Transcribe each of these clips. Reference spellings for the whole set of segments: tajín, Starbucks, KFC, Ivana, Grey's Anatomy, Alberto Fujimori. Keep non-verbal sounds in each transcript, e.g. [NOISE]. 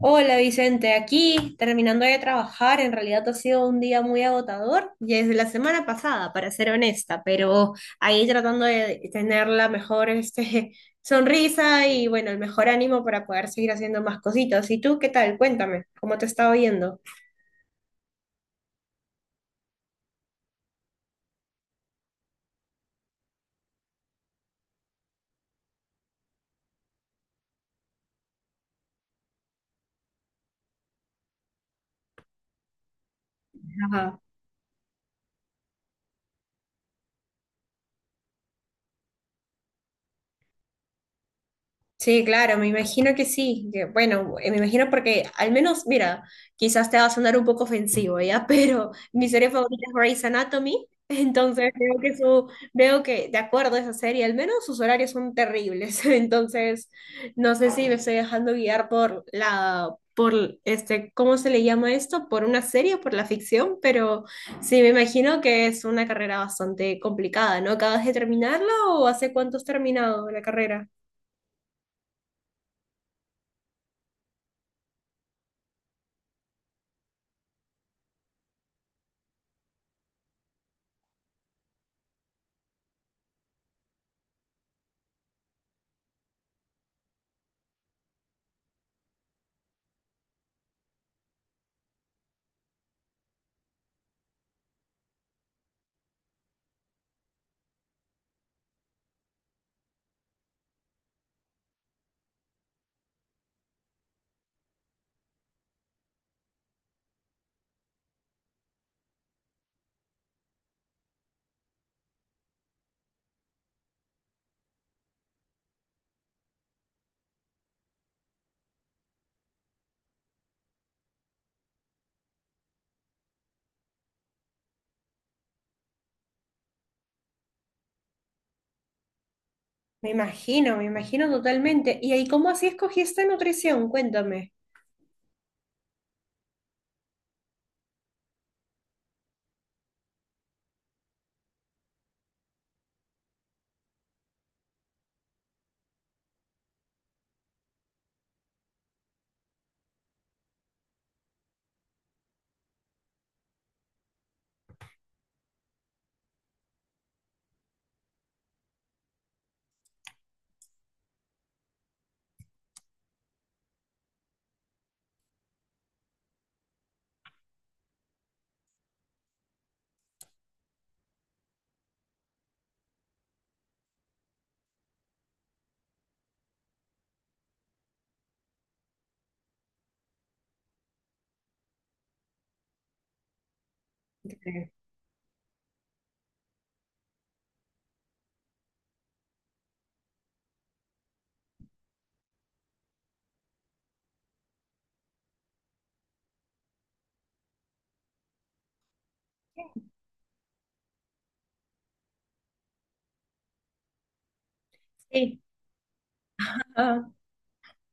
Hola Vicente, aquí terminando de trabajar, en realidad ha sido un día muy agotador, y desde la semana pasada, para ser honesta, pero ahí tratando de tener la mejor sonrisa y bueno, el mejor ánimo para poder seguir haciendo más cositas. ¿Y tú qué tal? Cuéntame, ¿cómo te está oyendo? Sí, claro, me imagino que sí. Que, bueno, me imagino porque al menos, mira, quizás te va a sonar un poco ofensivo, ¿ya? [LAUGHS] Pero mi serie favorita es Grey's Anatomy, entonces veo que, de acuerdo a esa serie, al menos sus horarios son terribles. [LAUGHS] Entonces, no sé si me estoy dejando guiar por por este, ¿cómo se le llama esto? Por una serie, por la ficción, pero sí, me imagino que es una carrera bastante complicada, ¿no? ¿Acabas de terminarla o hace cuánto has terminado la carrera? Me imagino totalmente. ¿Y ahí cómo así escogiste nutrición? Cuéntame. Sí. Sí.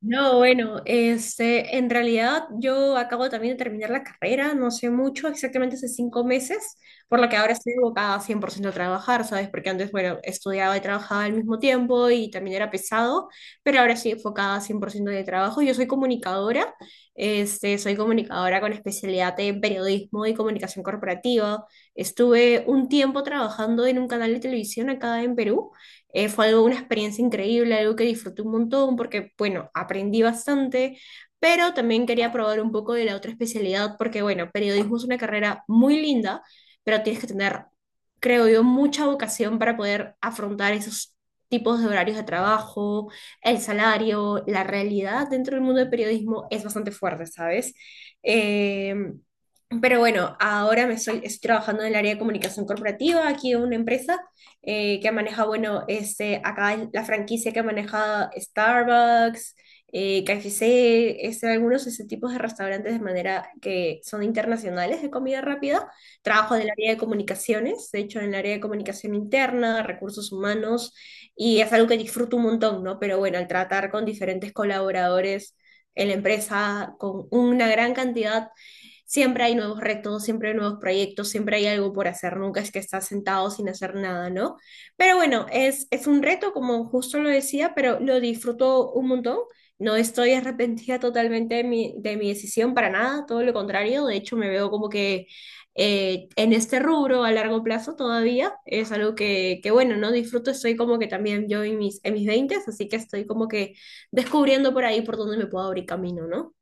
No, bueno, este, en realidad yo acabo también de terminar la carrera, no sé mucho, exactamente hace 5 meses, por lo que ahora estoy abocada 100% a trabajar, ¿sabes? Porque antes, bueno, estudiaba y trabajaba al mismo tiempo y también era pesado, pero ahora estoy enfocada 100% de trabajo. Yo soy comunicadora, este, Soy comunicadora con especialidad en periodismo y comunicación corporativa. Estuve un tiempo trabajando en un canal de televisión acá en Perú, fue algo, una experiencia increíble, algo que disfruté un montón porque, bueno, aprendí bastante, pero también quería probar un poco de la otra especialidad porque, bueno, periodismo es una carrera muy linda, pero tienes que tener, creo yo, mucha vocación para poder afrontar esos tipos de horarios de trabajo, el salario, la realidad dentro del mundo del periodismo es bastante fuerte, ¿sabes? Em, pero bueno, ahora estoy trabajando en el área de comunicación corporativa aquí en una empresa que maneja, bueno, este, acá la franquicia que maneja Starbucks, KFC, este, algunos de ese tipos de restaurantes de manera que son internacionales de comida rápida. Trabajo en el área de comunicaciones, de hecho, en el área de comunicación interna, recursos humanos, y es algo que disfruto un montón, ¿no? Pero bueno, al tratar con diferentes colaboradores en la empresa, con una gran cantidad, siempre hay nuevos retos, siempre hay nuevos proyectos, siempre hay algo por hacer, nunca es que estás sentado sin hacer nada, ¿no? Pero bueno, es un reto, como justo lo decía, pero lo disfruto un montón. No estoy arrepentida totalmente de mi decisión para nada, todo lo contrario, de hecho me veo como que en este rubro a largo plazo todavía es algo que, bueno, no disfruto, estoy como que también yo en en mis 20, así que estoy como que descubriendo por ahí por dónde me puedo abrir camino, ¿no?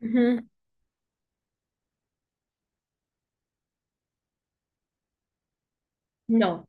Ujú. No,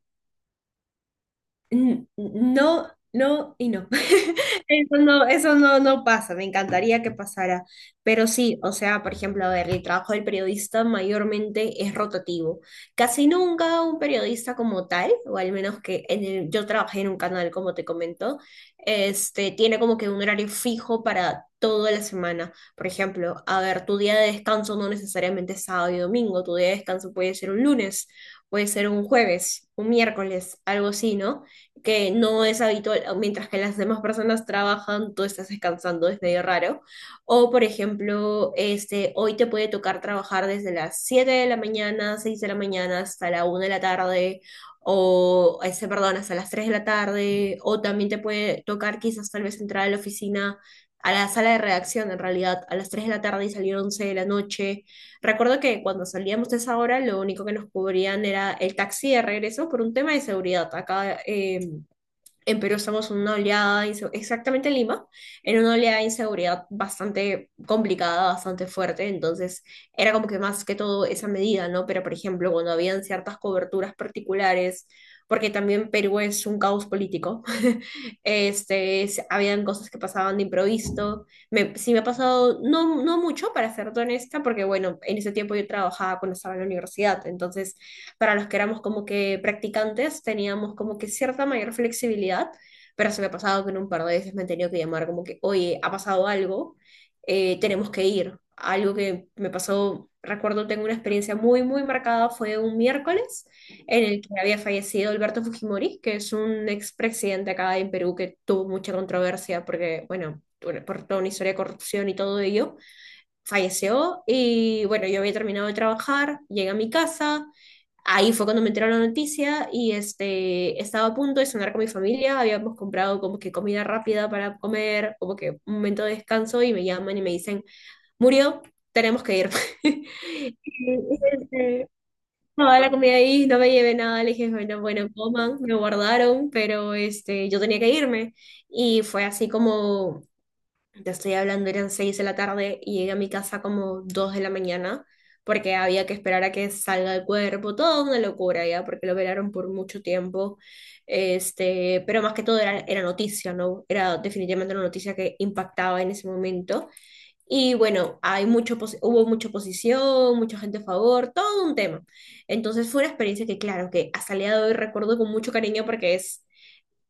No y no. [LAUGHS] Eso no, no pasa, me encantaría que pasara. Pero sí, o sea, por ejemplo, a ver, el trabajo del periodista mayormente es rotativo. Casi nunca un periodista como tal, o al menos que yo trabajé en un canal, como te comento, este, tiene como que un horario fijo para toda la semana. Por ejemplo, a ver, tu día de descanso no necesariamente es sábado y domingo, tu día de descanso puede ser un lunes, puede ser un jueves, un miércoles, algo así, ¿no? Que no es habitual, mientras que las demás personas trabajan, tú estás descansando, es medio raro. O, por ejemplo, este, hoy te puede tocar trabajar desde las 7 de la mañana, 6 de la mañana hasta la una de la tarde, o, este, perdón, hasta las 3 de la tarde, o también te puede tocar quizás tal vez entrar a la oficina, a la sala de redacción en realidad, a las 3 de la tarde y salir 11 de la noche. Recuerdo que cuando salíamos de esa hora, lo único que nos cubrían era el taxi de regreso por un tema de seguridad. Acá en Perú estamos en una exactamente en Lima, en una oleada de inseguridad bastante complicada, bastante fuerte, entonces era como que más que todo esa medida, ¿no? Pero por ejemplo, cuando habían ciertas coberturas particulares, porque también Perú es un caos político, [LAUGHS] habían cosas que pasaban de improviso, sí me ha pasado, no, no mucho, para ser honesta, porque bueno, en ese tiempo yo trabajaba cuando estaba en la universidad, entonces para los que éramos como que practicantes teníamos como que cierta mayor flexibilidad, pero se me ha pasado que en un par de veces me han tenido que llamar como que, oye, ha pasado algo, tenemos que ir. Algo que me pasó, recuerdo, tengo una experiencia muy marcada, fue un miércoles en el que había fallecido Alberto Fujimori, que es un expresidente acá en Perú que tuvo mucha controversia porque, bueno, por toda una historia de corrupción y todo ello falleció y bueno, yo había terminado de trabajar, llegué a mi casa, ahí fue cuando me enteró la noticia y este, estaba a punto de cenar con mi familia, habíamos comprado como que comida rápida para comer, como que un momento de descanso y me llaman y me dicen, murió, tenemos que ir. [LAUGHS] Y, este, Toda la comida ahí, no me llevé nada, le dije, bueno, bueno, coman, me guardaron, pero este, yo tenía que irme. Y fue así como te estoy hablando, eran 6 de la tarde y llegué a mi casa como 2 de la mañana porque había que esperar a que salga el cuerpo, toda una locura ya, porque lo velaron por mucho tiempo, este, pero más que todo era noticia, ¿no? Era definitivamente una noticia que impactaba en ese momento y bueno, hubo mucha oposición, mucha gente a favor, todo un tema. Entonces fue una experiencia que claro, que hasta el día de hoy recuerdo con mucho cariño porque es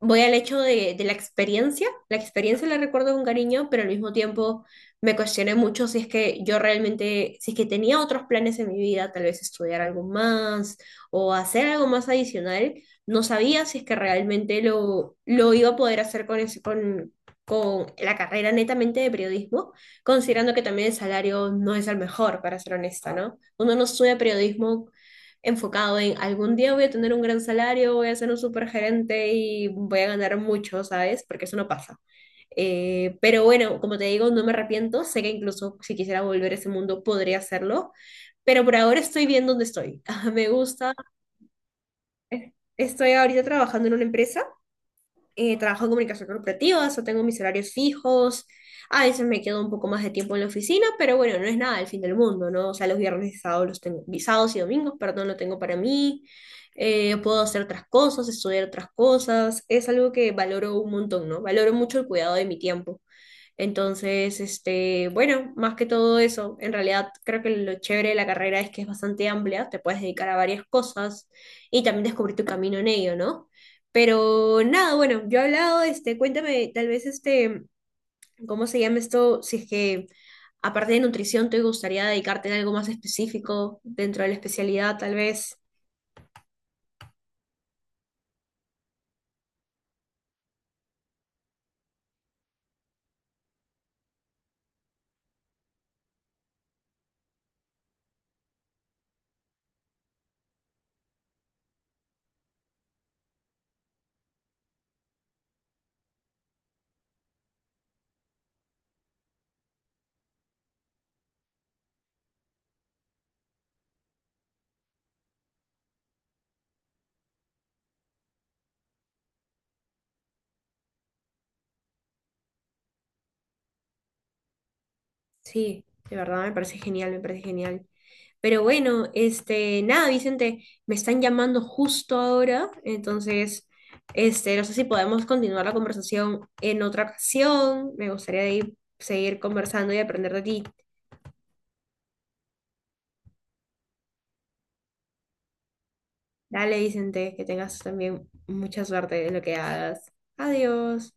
voy al hecho de la experiencia. La experiencia la recuerdo con cariño, pero al mismo tiempo me cuestioné mucho si es que yo realmente, si es que tenía otros planes en mi vida, tal vez estudiar algo más o hacer algo más adicional. No sabía si es que realmente lo iba a poder hacer con con la carrera netamente de periodismo, considerando que también el salario no es el mejor, para ser honesta, ¿no? Uno no estudia periodismo enfocado en algún día voy a tener un gran salario, voy a ser un super gerente y voy a ganar mucho, ¿sabes? Porque eso no pasa. Pero bueno, como te digo, no me arrepiento. Sé que incluso si quisiera volver a ese mundo podría hacerlo, pero por ahora estoy bien donde estoy. [LAUGHS] Me gusta. Estoy ahorita trabajando en una empresa, trabajo en comunicación corporativa, o sea, tengo mis horarios fijos. A veces me quedo un poco más de tiempo en la oficina, pero bueno, no es nada el fin del mundo, ¿no? O sea, los viernes y sábados los tengo, y sábados y domingos, perdón, lo tengo para mí. Puedo hacer otras cosas, estudiar otras cosas. Es algo que valoro un montón, ¿no? Valoro mucho el cuidado de mi tiempo. Entonces, este, bueno, más que todo eso, en realidad creo que lo chévere de la carrera es que es bastante amplia, te puedes dedicar a varias cosas y también descubrir tu camino en ello, ¿no? Pero nada, bueno, yo he hablado, este, cuéntame tal vez este, ¿cómo se llama esto? Si es que aparte de nutrición te gustaría dedicarte en algo más específico dentro de la especialidad, tal vez. Sí, de verdad me parece genial, me parece genial. Pero bueno, este, nada, Vicente, me están llamando justo ahora, entonces, este, no sé si podemos continuar la conversación en otra ocasión. Me gustaría de seguir conversando y aprender de ti. Dale, Vicente, que tengas también mucha suerte en lo que hagas. Adiós.